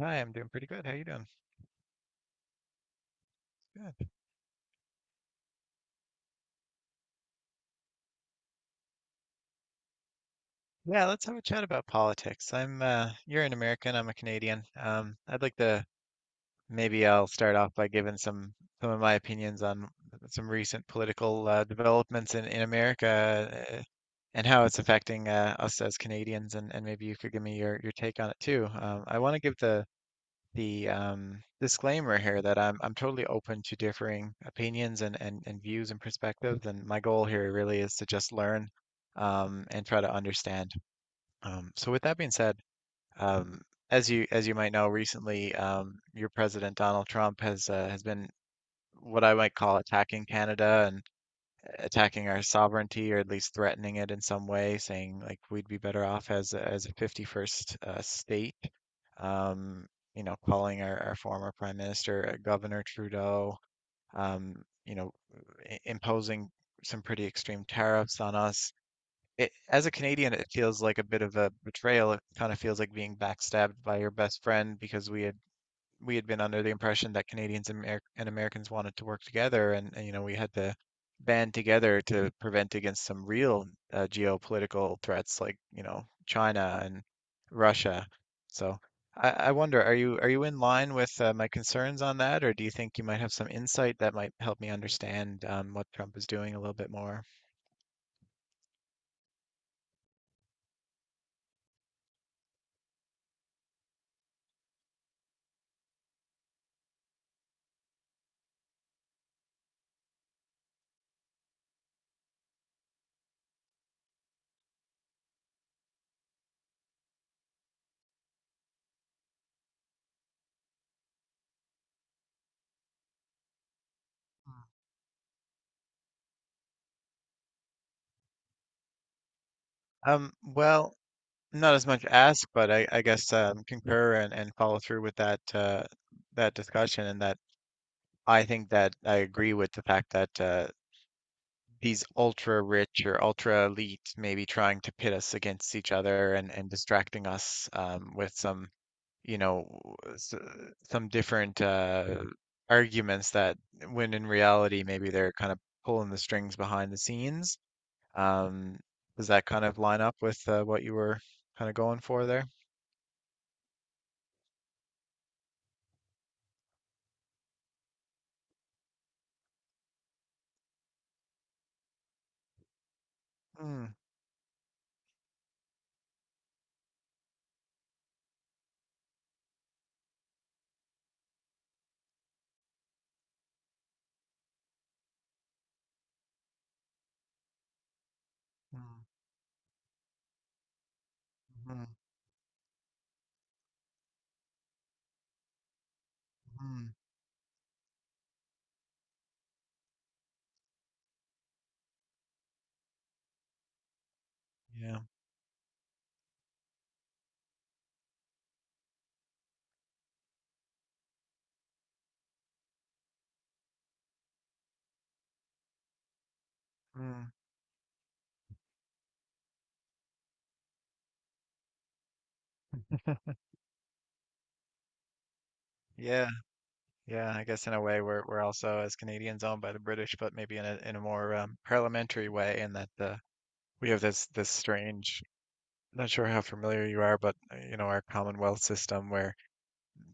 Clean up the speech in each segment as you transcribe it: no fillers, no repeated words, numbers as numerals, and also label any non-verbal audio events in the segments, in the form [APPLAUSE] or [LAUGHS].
Hi, I'm doing pretty good. How you doing? Good. Yeah, let's have a chat about politics. I'm You're an American, I'm a Canadian. I'd like to, maybe I'll start off by giving some of my opinions on some recent political, developments in America, and how it's affecting, us as Canadians, and maybe you could give me your take on it too. I want to give the disclaimer here that I'm totally open to differing opinions and views and perspectives, and my goal here really is to just learn, and try to understand. So with that being said, um, as you might know, recently, your president Donald Trump has been what I might call attacking Canada, and attacking our sovereignty, or at least threatening it in some way, saying like we'd be better off as as a 51st state. Um, calling our former prime minister, Governor Trudeau, um, you know, imposing some pretty extreme tariffs on us. As a Canadian, it feels like a bit of a betrayal. It kind of feels like being backstabbed by your best friend, because we had been under the impression that Canadians, and Americans wanted to work together, and we had to band together to prevent against some real, geopolitical threats like, China and Russia. So I wonder, are you in line with, my concerns on that? Or do you think you might have some insight that might help me understand, what Trump is doing a little bit more? Well, not as much ask, but I guess, concur and follow through with that discussion. And that, I think that I agree with the fact that, these ultra rich or ultra elite may be trying to pit us against each other, and distracting us, with some, you know, s- some different, arguments that, when in reality, maybe they're kind of pulling the strings behind the scenes. Um, does that kind of line up with, what you were kind of going for there? Mm, mm, mm, mm, yeah. Mm, yeah. Yeah, I guess in a way, we're also, as Canadians, owned by the British, but maybe in a more, parliamentary way, in that, we have this strange. Not sure how familiar you are, but, you know our Commonwealth system, where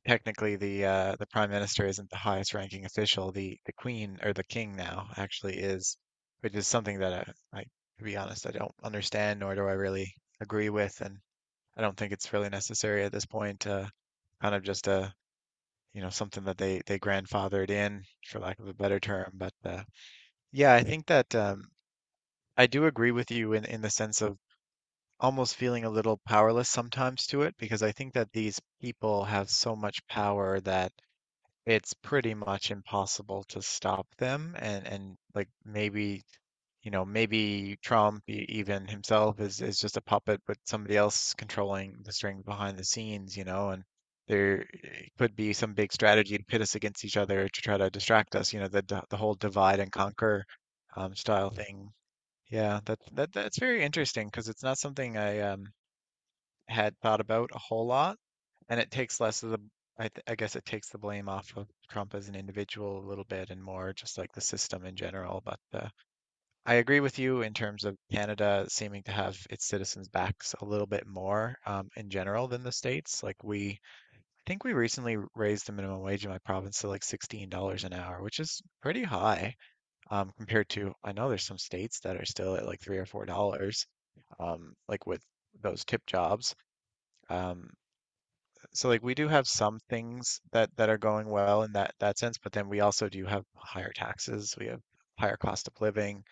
technically the Prime Minister isn't the highest ranking official. The Queen, or the King now, actually is. Which is something that, I to be honest, I don't understand, nor do I really agree with. And I don't think it's really necessary at this point. Kind of just a, something that they grandfathered in, for lack of a better term. But, yeah, I think that, I do agree with you in the sense of almost feeling a little powerless sometimes to it, because I think that these people have so much power that it's pretty much impossible to stop them. And like, maybe, maybe Trump, even himself, is just a puppet, but somebody else controlling the strings behind the scenes. You know, and there, could be some big strategy to pit us against each other to try to distract us. The whole divide and conquer, style thing. Yeah, that's very interesting, because it's not something I, had thought about a whole lot. And it takes less of the, I guess it takes the blame off of Trump as an individual a little bit, and more just like the system in general. But, I agree with you in terms of Canada seeming to have its citizens' backs a little bit more, in general, than the States. I think we recently raised the minimum wage in my province to like $16 an hour, which is pretty high, compared to, I know there's some states that are still at like $3 or $4, like with those tip jobs. Um, so like we do have some things that are going well in that sense, but then we also do have higher taxes. We have higher cost of living.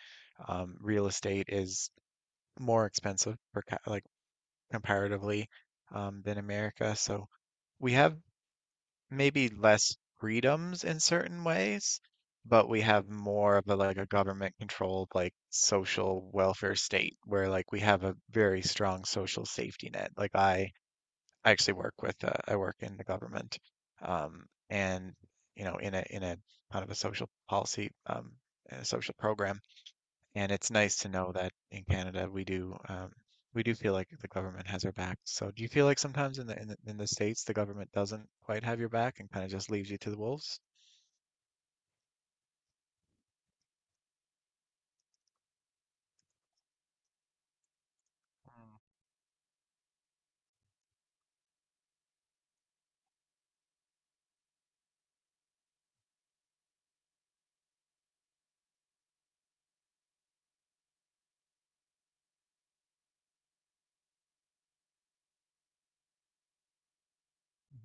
Real estate is more expensive for, like, comparatively, than America. So we have maybe less freedoms in certain ways, but we have more of a, like, a government controlled, like, social welfare state, where like we have a very strong social safety net. Like I actually work with, I work in the government, and you know in a kind of a social policy, and a social program. And it's nice to know that in Canada we do, we do feel like the government has our back. So do you feel like sometimes in the States, the government doesn't quite have your back and kind of just leaves you to the wolves?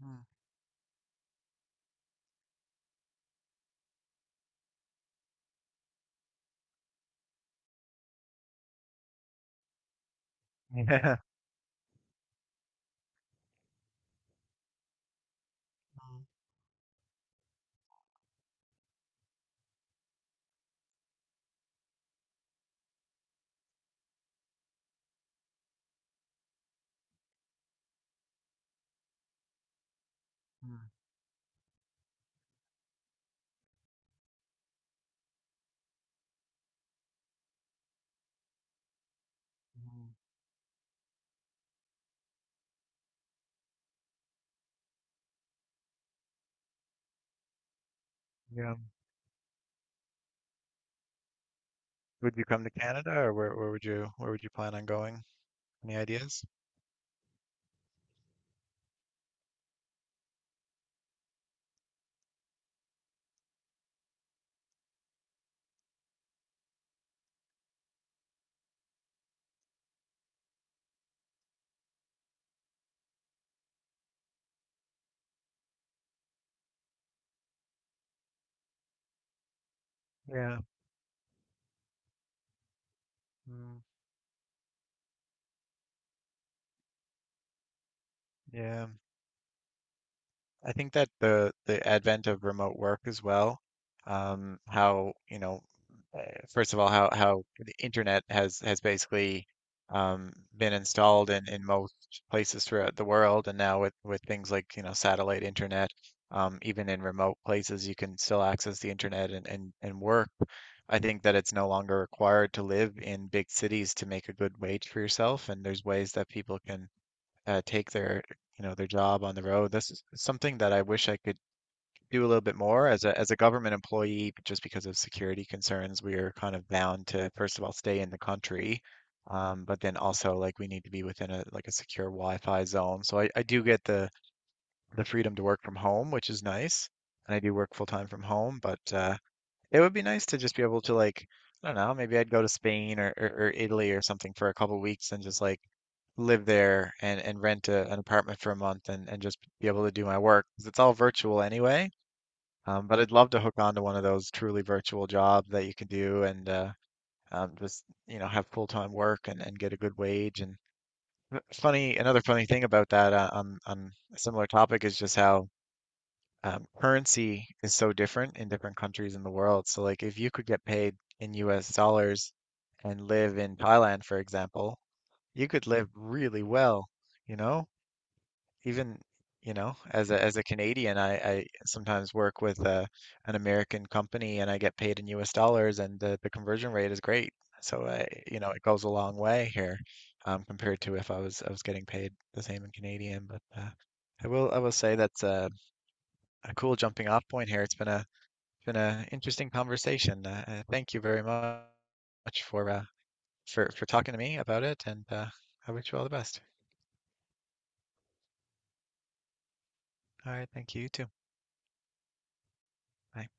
Mm, mhm. [LAUGHS] Yeah. Mhm. Mm, mhm. Yeah. Would you come to Canada, or where would you plan on going? Any ideas? Yeah. Mm, yeah. I think that the advent of remote work as well, how, uh, first of all, how the internet has basically, been installed in most places throughout the world. And now with things like, satellite internet, even in remote places, you can still access the internet and work. I think that it's no longer required to live in big cities to make a good wage for yourself, and there's ways that people can, take their, their job on the road. This is something that I wish I could do a little bit more as a government employee, but just because of security concerns, we are kind of bound to first of all stay in the country, but then also like we need to be within a, like, a secure Wi-Fi zone. So I do get the freedom to work from home, which is nice, and I do work full time from home. But, it would be nice to just be able to, like, I don't know, maybe I'd go to Spain, or Italy, or something, for a couple weeks, and just like live there, and rent an apartment for a month, and just be able to do my work, 'cause it's all virtual anyway. But I'd love to hook on to one of those truly virtual jobs that you can do, and, just, have full-time work and get a good wage. Another funny thing about that, on a similar topic, is just how, currency is so different in different countries in the world. So like if you could get paid in US dollars and live in Thailand, for example, you could live really well, you know, Even, as a Canadian, I sometimes work with, an American company, and I get paid in US dollars, and the conversion rate is great, so I, it goes a long way here, compared to if I was getting paid the same in Canadian. But, I will say that's a cool jumping off point here. It's been a interesting conversation. Thank you very much for, for talking to me about it. And I wish you all the best. All right, thank you, you too. Bye.